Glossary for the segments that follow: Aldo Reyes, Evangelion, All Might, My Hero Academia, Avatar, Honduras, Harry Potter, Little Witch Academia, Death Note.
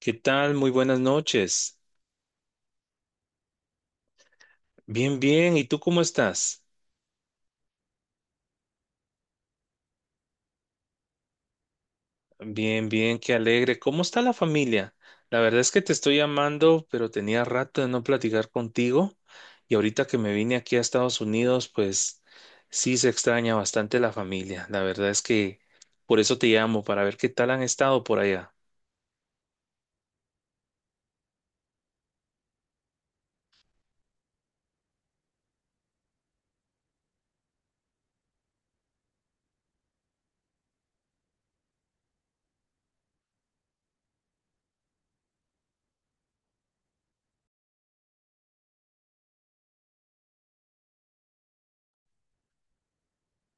¿Qué tal? Muy buenas noches. Bien, bien. ¿Y tú cómo estás? Bien, bien, qué alegre. ¿Cómo está la familia? La verdad es que te estoy llamando, pero tenía rato de no platicar contigo. Y ahorita que me vine aquí a Estados Unidos, pues sí se extraña bastante la familia. La verdad es que por eso te llamo, para ver qué tal han estado por allá.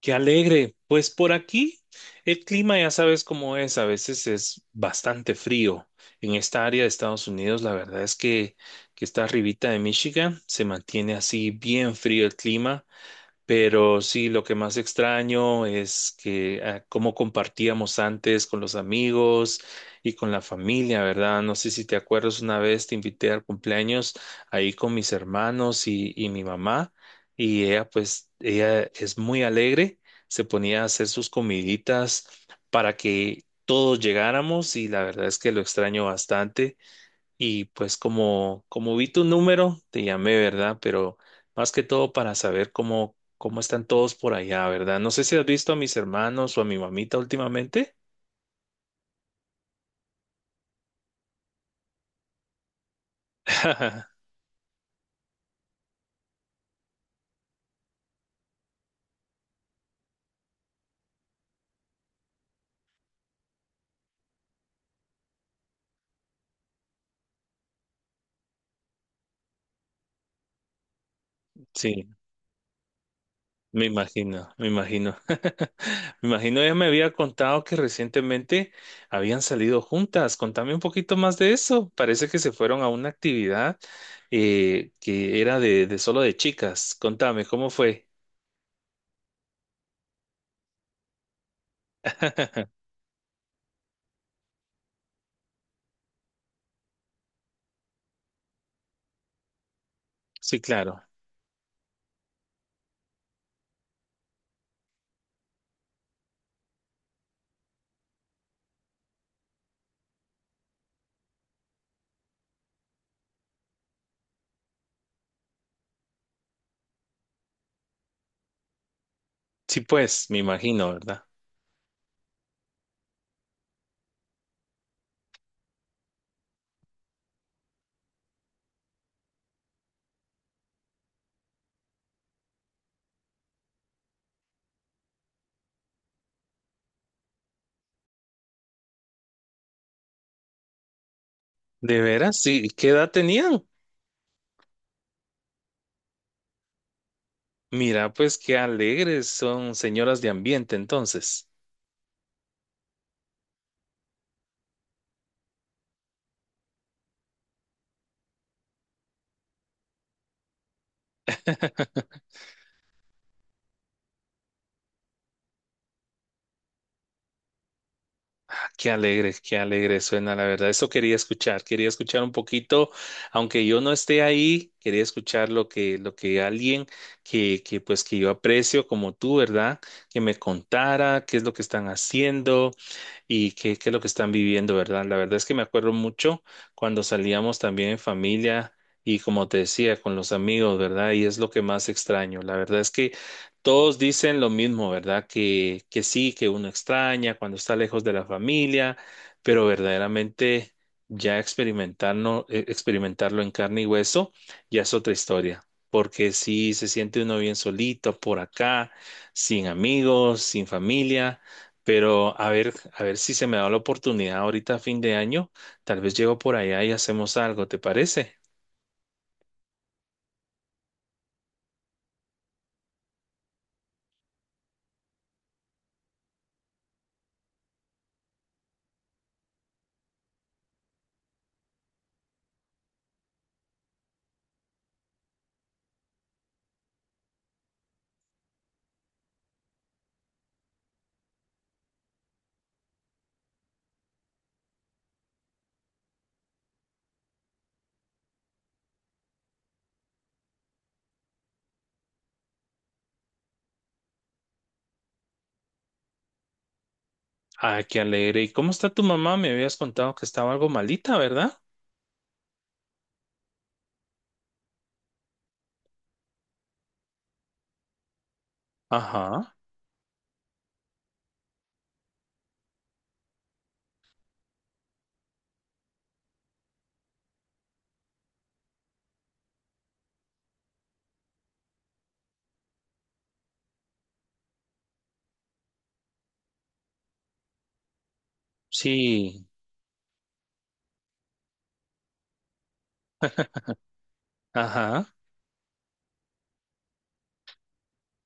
Qué alegre. Pues por aquí el clima ya sabes cómo es, a veces es bastante frío. En esta área de Estados Unidos, la verdad es que está arribita de Michigan, se mantiene así bien frío el clima. Pero sí, lo que más extraño es que cómo compartíamos antes con los amigos y con la familia, ¿verdad? No sé si te acuerdas, una vez te invité al cumpleaños ahí con mis hermanos y mi mamá, y ella pues, ella es muy alegre, se ponía a hacer sus comiditas para que todos llegáramos y la verdad es que lo extraño bastante. Y pues como vi tu número, te llamé, ¿verdad? Pero más que todo para saber cómo están todos por allá, ¿verdad? No sé si has visto a mis hermanos o a mi mamita últimamente. Sí, me imagino. Me imagino ella me había contado que recientemente habían salido juntas. Contame un poquito más de eso. Parece que se fueron a una actividad que era de solo de chicas. Contame, ¿cómo fue? Sí, claro. Sí, pues, me imagino, ¿verdad? De veras, sí. ¿Qué edad tenían? Mira, pues qué alegres son señoras de ambiente entonces. Ah, qué alegre suena, la verdad. Eso quería escuchar un poquito, aunque yo no esté ahí, quería escuchar lo que alguien que pues que yo aprecio como tú, ¿verdad? Que me contara qué es lo que están haciendo, y qué es lo que están viviendo, ¿verdad? La verdad es que me acuerdo mucho cuando salíamos también en familia y como te decía, con los amigos, ¿verdad? Y es lo que más extraño. La verdad es que todos dicen lo mismo, ¿verdad? Que sí, que uno extraña cuando está lejos de la familia, pero verdaderamente ya experimentarlo, experimentarlo en carne y hueso ya es otra historia. Porque sí se siente uno bien solito por acá, sin amigos, sin familia. Pero a ver si se me da la oportunidad ahorita a fin de año. Tal vez llego por allá y hacemos algo, ¿te parece? Ah, qué alegre. ¿Y cómo está tu mamá? Me habías contado que estaba algo malita, ¿verdad? Ajá. Sí. Ajá.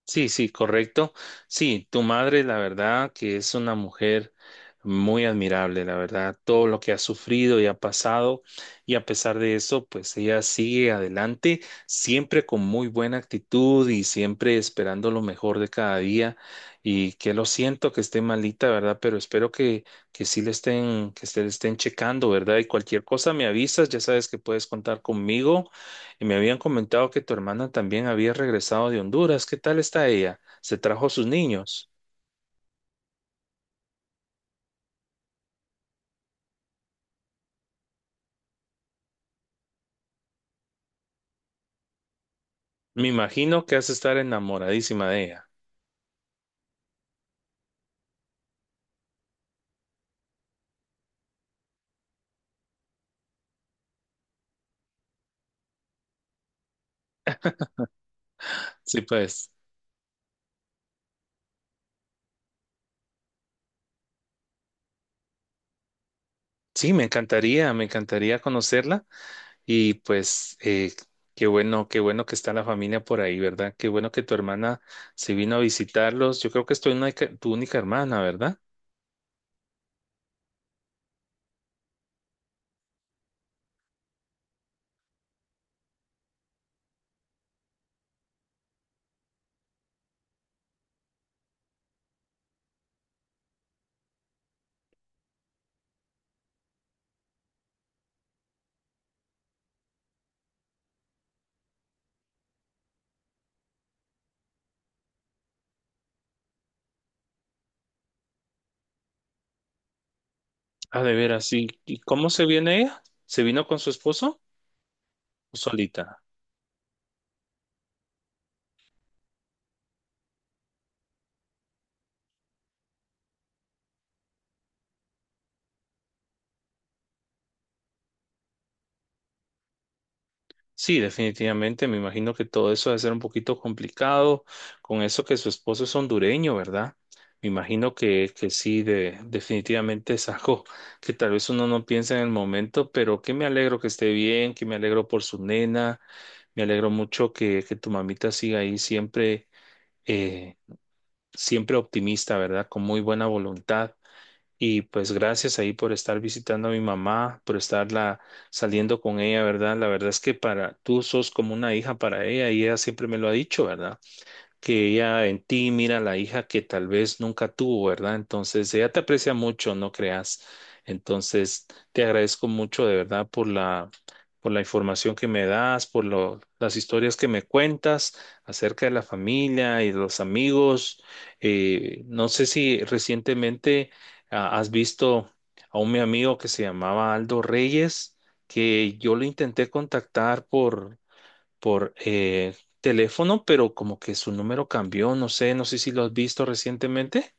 Sí, sí, correcto. Sí, tu madre, la verdad, que es una mujer muy admirable, la verdad, todo lo que ha sufrido y ha pasado, y a pesar de eso, pues ella sigue adelante, siempre con muy buena actitud y siempre esperando lo mejor de cada día. Y que lo siento que esté malita, ¿verdad? Pero espero que sí le estén, que se le estén checando, ¿verdad? Y cualquier cosa me avisas, ya sabes que puedes contar conmigo. Y me habían comentado que tu hermana también había regresado de Honduras. ¿Qué tal está ella? ¿Se trajo sus niños? Me imagino que has de estar enamoradísima de ella. Sí, pues. Sí, me encantaría conocerla. Y pues, qué bueno que está la familia por ahí, ¿verdad? Qué bueno que tu hermana se vino a visitarlos. Yo creo que es tu única hermana, ¿verdad? Ah, de veras, sí. ¿Y cómo se viene ella? ¿Se vino con su esposo o solita? Sí, definitivamente, me imagino que todo eso debe ser un poquito complicado, con eso que su esposo es hondureño, ¿verdad? Me imagino que sí, de, definitivamente es algo que tal vez uno no piensa en el momento, pero que me alegro que esté bien, que me alegro por su nena, me alegro mucho que tu mamita siga ahí siempre, eh, siempre optimista, ¿verdad? Con muy buena voluntad. Y pues gracias ahí por estar visitando a mi mamá, por estarla saliendo con ella, ¿verdad? La verdad es que para tú sos como una hija para ella y ella siempre me lo ha dicho, ¿verdad? Que ella en ti mira la hija que tal vez nunca tuvo, ¿verdad? Entonces, ella te aprecia mucho, no creas. Entonces, te agradezco mucho de verdad por la información que me das, por lo- las historias que me cuentas acerca de la familia y de los amigos. No sé si recientemente has visto a un mi amigo que se llamaba Aldo Reyes, que yo lo intenté contactar por teléfono, pero como que su número cambió, no sé, no sé si lo has visto recientemente.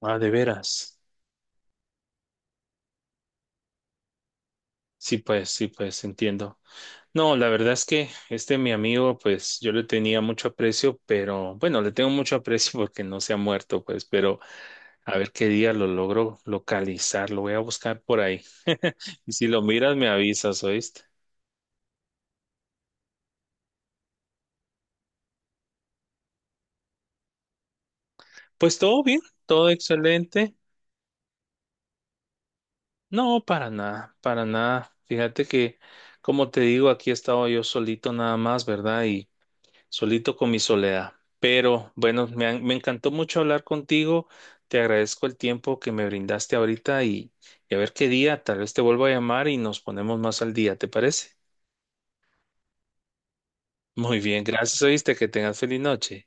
Ah, de veras. Sí, pues, entiendo. No, la verdad es que este mi amigo, pues yo le tenía mucho aprecio, pero bueno, le tengo mucho aprecio porque no se ha muerto, pues, pero a ver qué día lo logro localizar, lo voy a buscar por ahí. Y si lo miras, me avisas, ¿oíste? Pues todo bien, todo excelente. No, para nada, para nada. Fíjate que, como te digo, aquí he estado yo solito nada más, ¿verdad? Y solito con mi soledad. Pero bueno, me encantó mucho hablar contigo. Te agradezco el tiempo que me brindaste ahorita y a ver qué día, tal vez te vuelvo a llamar y nos ponemos más al día, ¿te parece? Muy bien, gracias, oíste, que tengas feliz noche.